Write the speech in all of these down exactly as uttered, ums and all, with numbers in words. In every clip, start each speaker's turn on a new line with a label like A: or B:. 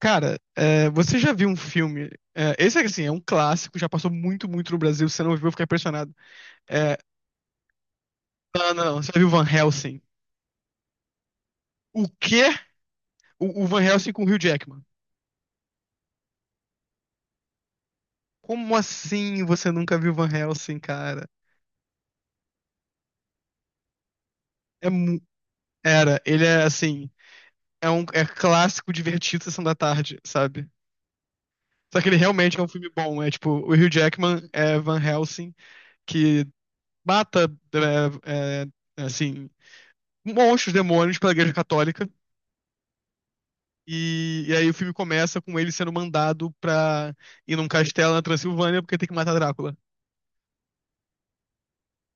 A: Cara, é, você já viu um filme? é, esse é assim, é um clássico, já passou muito, muito no Brasil. Se você não viu, eu fiquei impressionado. É, não, não, não, você já viu Van Helsing? O quê? O, o Van Helsing com o Hugh Jackman. Como assim você nunca viu Van Helsing, cara? É, mu- era, ele é assim, é um é clássico divertido Sessão da Tarde, sabe? Só que ele realmente é um filme bom. É tipo, o Hugh Jackman é Van Helsing que mata, é, é, assim, monstros, demônios pela Igreja Católica. E, e aí o filme começa com ele sendo mandado pra ir num castelo na Transilvânia porque tem que matar Drácula.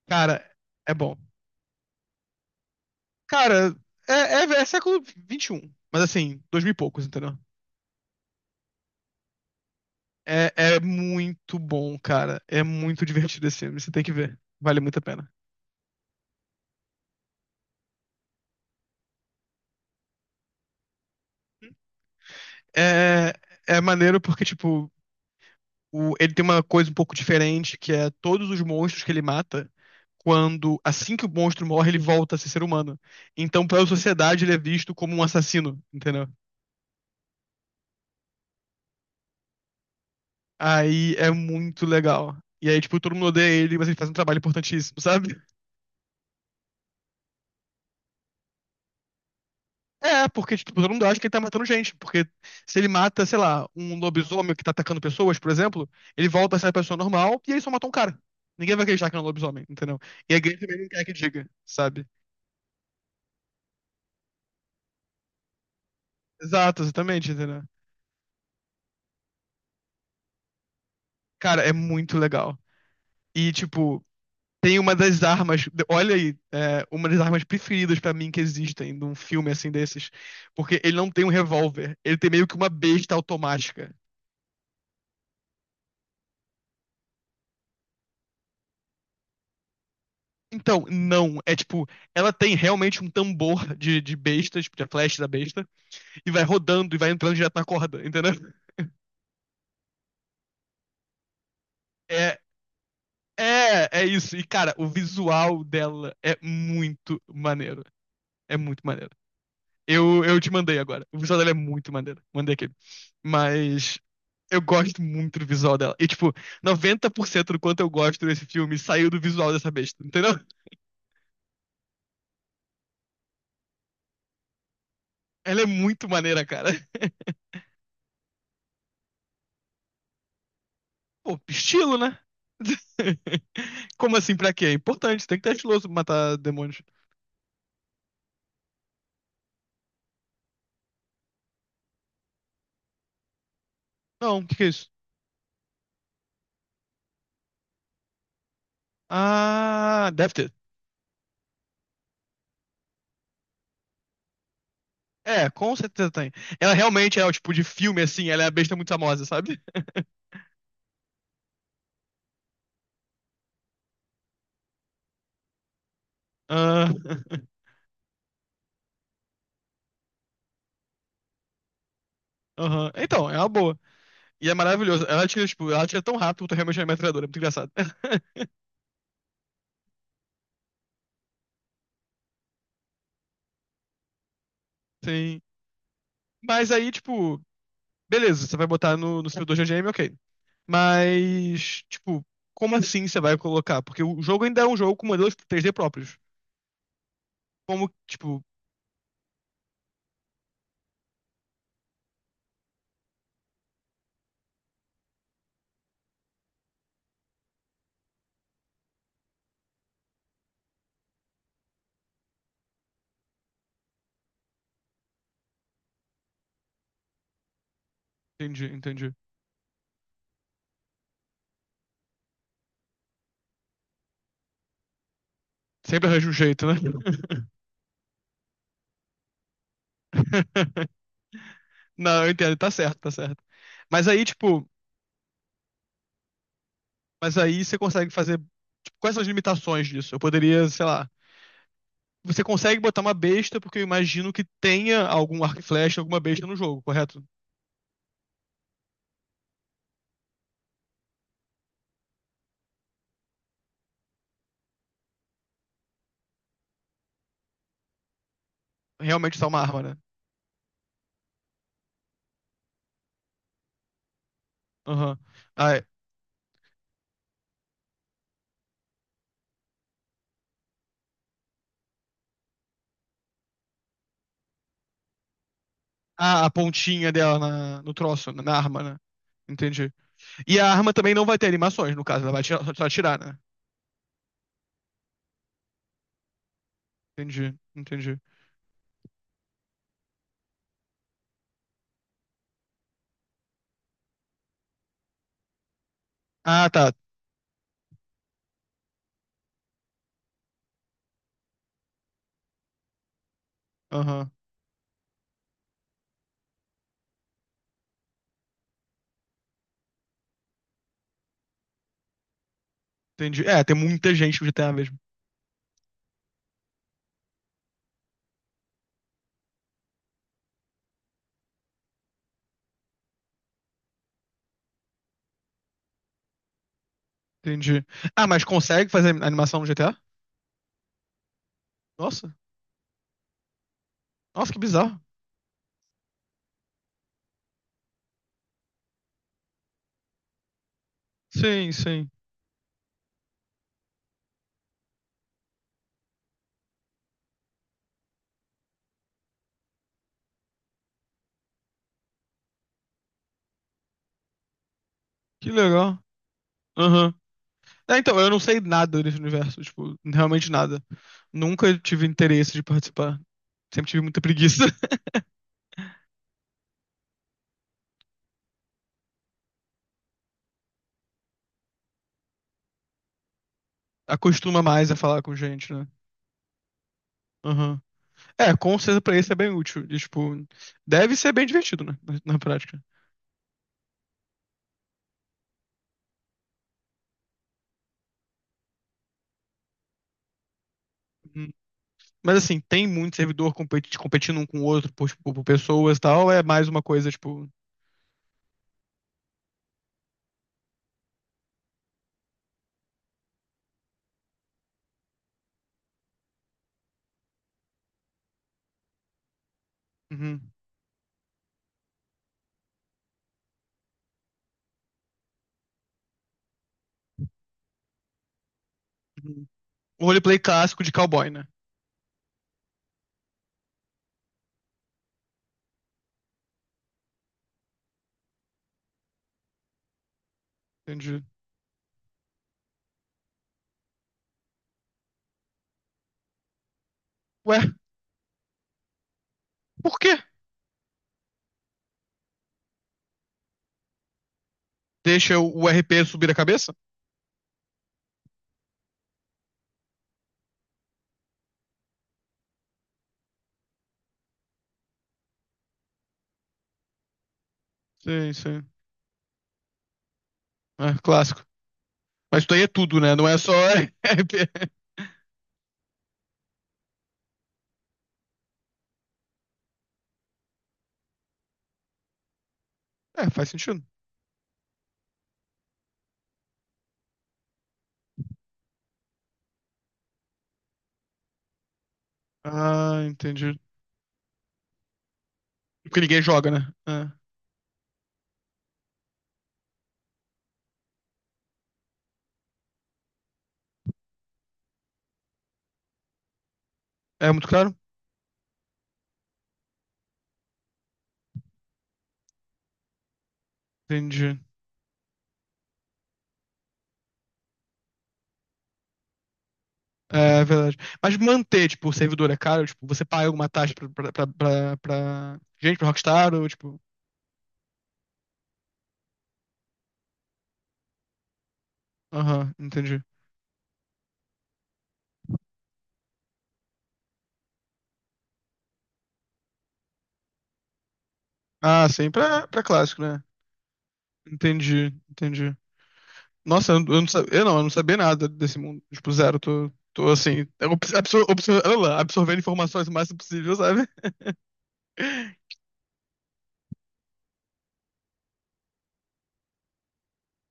A: Cara, é bom. Cara, é, é, é século vinte e um, mas assim, dois mil e poucos, entendeu? É, é muito bom, cara. É muito divertido esse filme, você tem que ver. Vale muito a pena. É, é maneiro porque, tipo, o- ele tem uma coisa um pouco diferente, que é todos os monstros que ele mata, quando assim que o monstro morre, ele volta a ser ser humano. Então, pela sociedade, ele é visto como um assassino, entendeu? Aí é muito legal. E aí, tipo, todo mundo odeia ele, mas ele faz um trabalho importantíssimo, sabe? É, porque, tipo, todo mundo acha que ele tá matando gente. Porque se ele mata, sei lá, um lobisomem que tá atacando pessoas, por exemplo, ele volta a ser a pessoa normal e ele só matou um cara. Ninguém vai acreditar que é um lobisomem, entendeu? E a igreja também não quer que diga, sabe? Exato, exatamente, entendeu? Cara, é muito legal. E, tipo, tem uma das armas. Olha aí, é, uma das armas preferidas pra mim que existem num filme assim desses. Porque ele não tem um revólver. Ele tem meio que uma besta automática. Então, não. É tipo, ela tem realmente um tambor de, de besta, tipo, de flecha da besta, e vai rodando e vai entrando direto na corda, entendeu? É, é, é isso. E, cara, o visual dela é muito maneiro. É muito maneiro. Eu, eu te mandei agora. O visual dela é muito maneiro. Mandei aquele. Mas eu gosto muito do visual dela. E, tipo, noventa por cento do quanto eu gosto desse filme saiu do visual dessa besta, entendeu? Ela é muito maneira, cara. Pô, estilo, né? Como assim, pra quê? É importante, tem que ter estiloso pra matar demônios. Não, o que que é isso? Ah, deve ter. É, com certeza tem. Ela realmente é o tipo de filme, assim, ela é a besta muito famosa, sabe? Ah, aham. Então, é uma boa. E é maravilhoso. Ela tira, tipo, ela tira tão rápido quanto realmente é metralhadora. É muito engraçado. Sim. Mas aí, tipo, beleza, você vai botar no, no seu dois G G M, ok. Mas, tipo, como assim você vai colocar? Porque o jogo ainda é um jogo com modelos três D próprios. Como, tipo, entendi, entendi. Sempre arranja um jeito, né? Não, eu entendo, tá certo, tá certo. Mas aí, tipo, mas aí você consegue fazer, tipo, quais são as limitações disso? Eu poderia, sei lá. Você consegue botar uma besta, porque eu imagino que tenha algum arco e flecha, alguma besta no jogo, correto? Realmente só uma arma, né? Aham. Ah, é. Ah, a pontinha dela na- no troço, na arma, né? Entendi. E a arma também não vai ter animações, no caso, ela vai atirar- só atirar, né? Entendi, entendi. Ah, tá. Aham, entendi. É, tem muita gente no G T A mesmo. Entendi. Ah, mas consegue fazer animação no G T A? Nossa, nossa, que bizarro. Sim, sim. Que legal. Aham. É, então, eu não sei nada desse universo, tipo, realmente nada. Nunca tive interesse de participar. Sempre tive muita preguiça. Acostuma mais a falar com gente, né? Aham. É, com certeza pra isso é bem útil. E, tipo, deve ser bem divertido, né? Na, na prática. Uhum. Mas assim, tem muito servidor competi- competindo um com o outro por, tipo, por pessoas e tal. É mais uma coisa, tipo. Uhum, uhum. O roleplay clássico de cowboy, né? Entendi. Ué, por quê? Deixa o o R p subir a cabeça? Sim, sim. É, clássico. Mas isso daí é tudo, né? Não é só. R P. É, faz sentido. Ah, entendi. Porque ninguém joga, né? É, é muito caro? Entendi. É é verdade. Mas manter, tipo, o servidor é caro? Tipo, você paga alguma taxa pra, pra, pra, pra, pra gente, pra Rockstar? Ou, tipo. Aham, entendi. Ah, sim, pra, pra clássico, né? Entendi, entendi. Nossa, eu não, eu não sabia, eu não, eu não sabia nada desse mundo. Tipo, zero, tô, tô assim, absor, absor, absor- olha lá, absorvendo informações o máximo possível, sabe?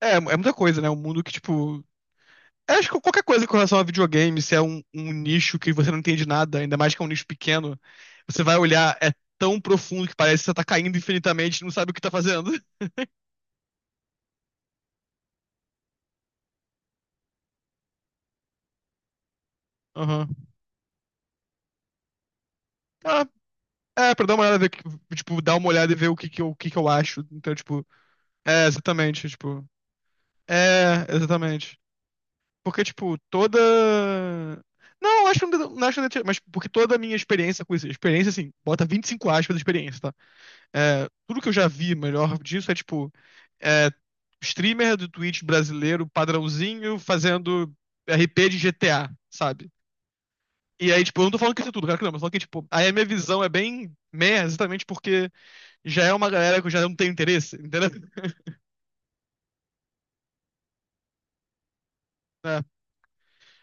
A: É, é muita coisa, né? Um mundo que, tipo, eu acho que qualquer coisa com relação a videogame, se é um, um nicho que você não entende nada, ainda mais que é um nicho pequeno, você vai olhar, é tão profundo que parece que você tá caindo infinitamente e não sabe o que tá fazendo. Aham. Ah, é, pra dar uma olhada, ver, que- tipo, dar uma olhada e ver o que que eu, o que que eu acho. Então, tipo, é, exatamente, tipo, é, exatamente. Porque, tipo, toda... Não, acho que não, não acho que não- tinha- mas porque toda a minha experiência com isso, experiência, assim, bota vinte e cinco aspas de experiência, tá? É, tudo que eu já vi melhor disso é, tipo, é, streamer do Twitch brasileiro, padrãozinho, fazendo R P de G T A, sabe? E aí, tipo, eu não tô falando que isso é tudo, cara, que não, mas eu tô falando que, tipo, aí a minha visão é bem meia, exatamente porque já é uma galera que eu já não tenho interesse, entendeu? É.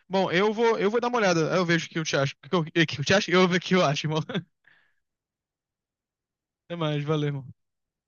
A: Bom, eu vou, eu vou dar uma olhada, aí eu vejo o que eu te acho. O que eu, o que eu te acho? Eu vou ver o que eu acho, irmão. Até mais, valeu, irmão.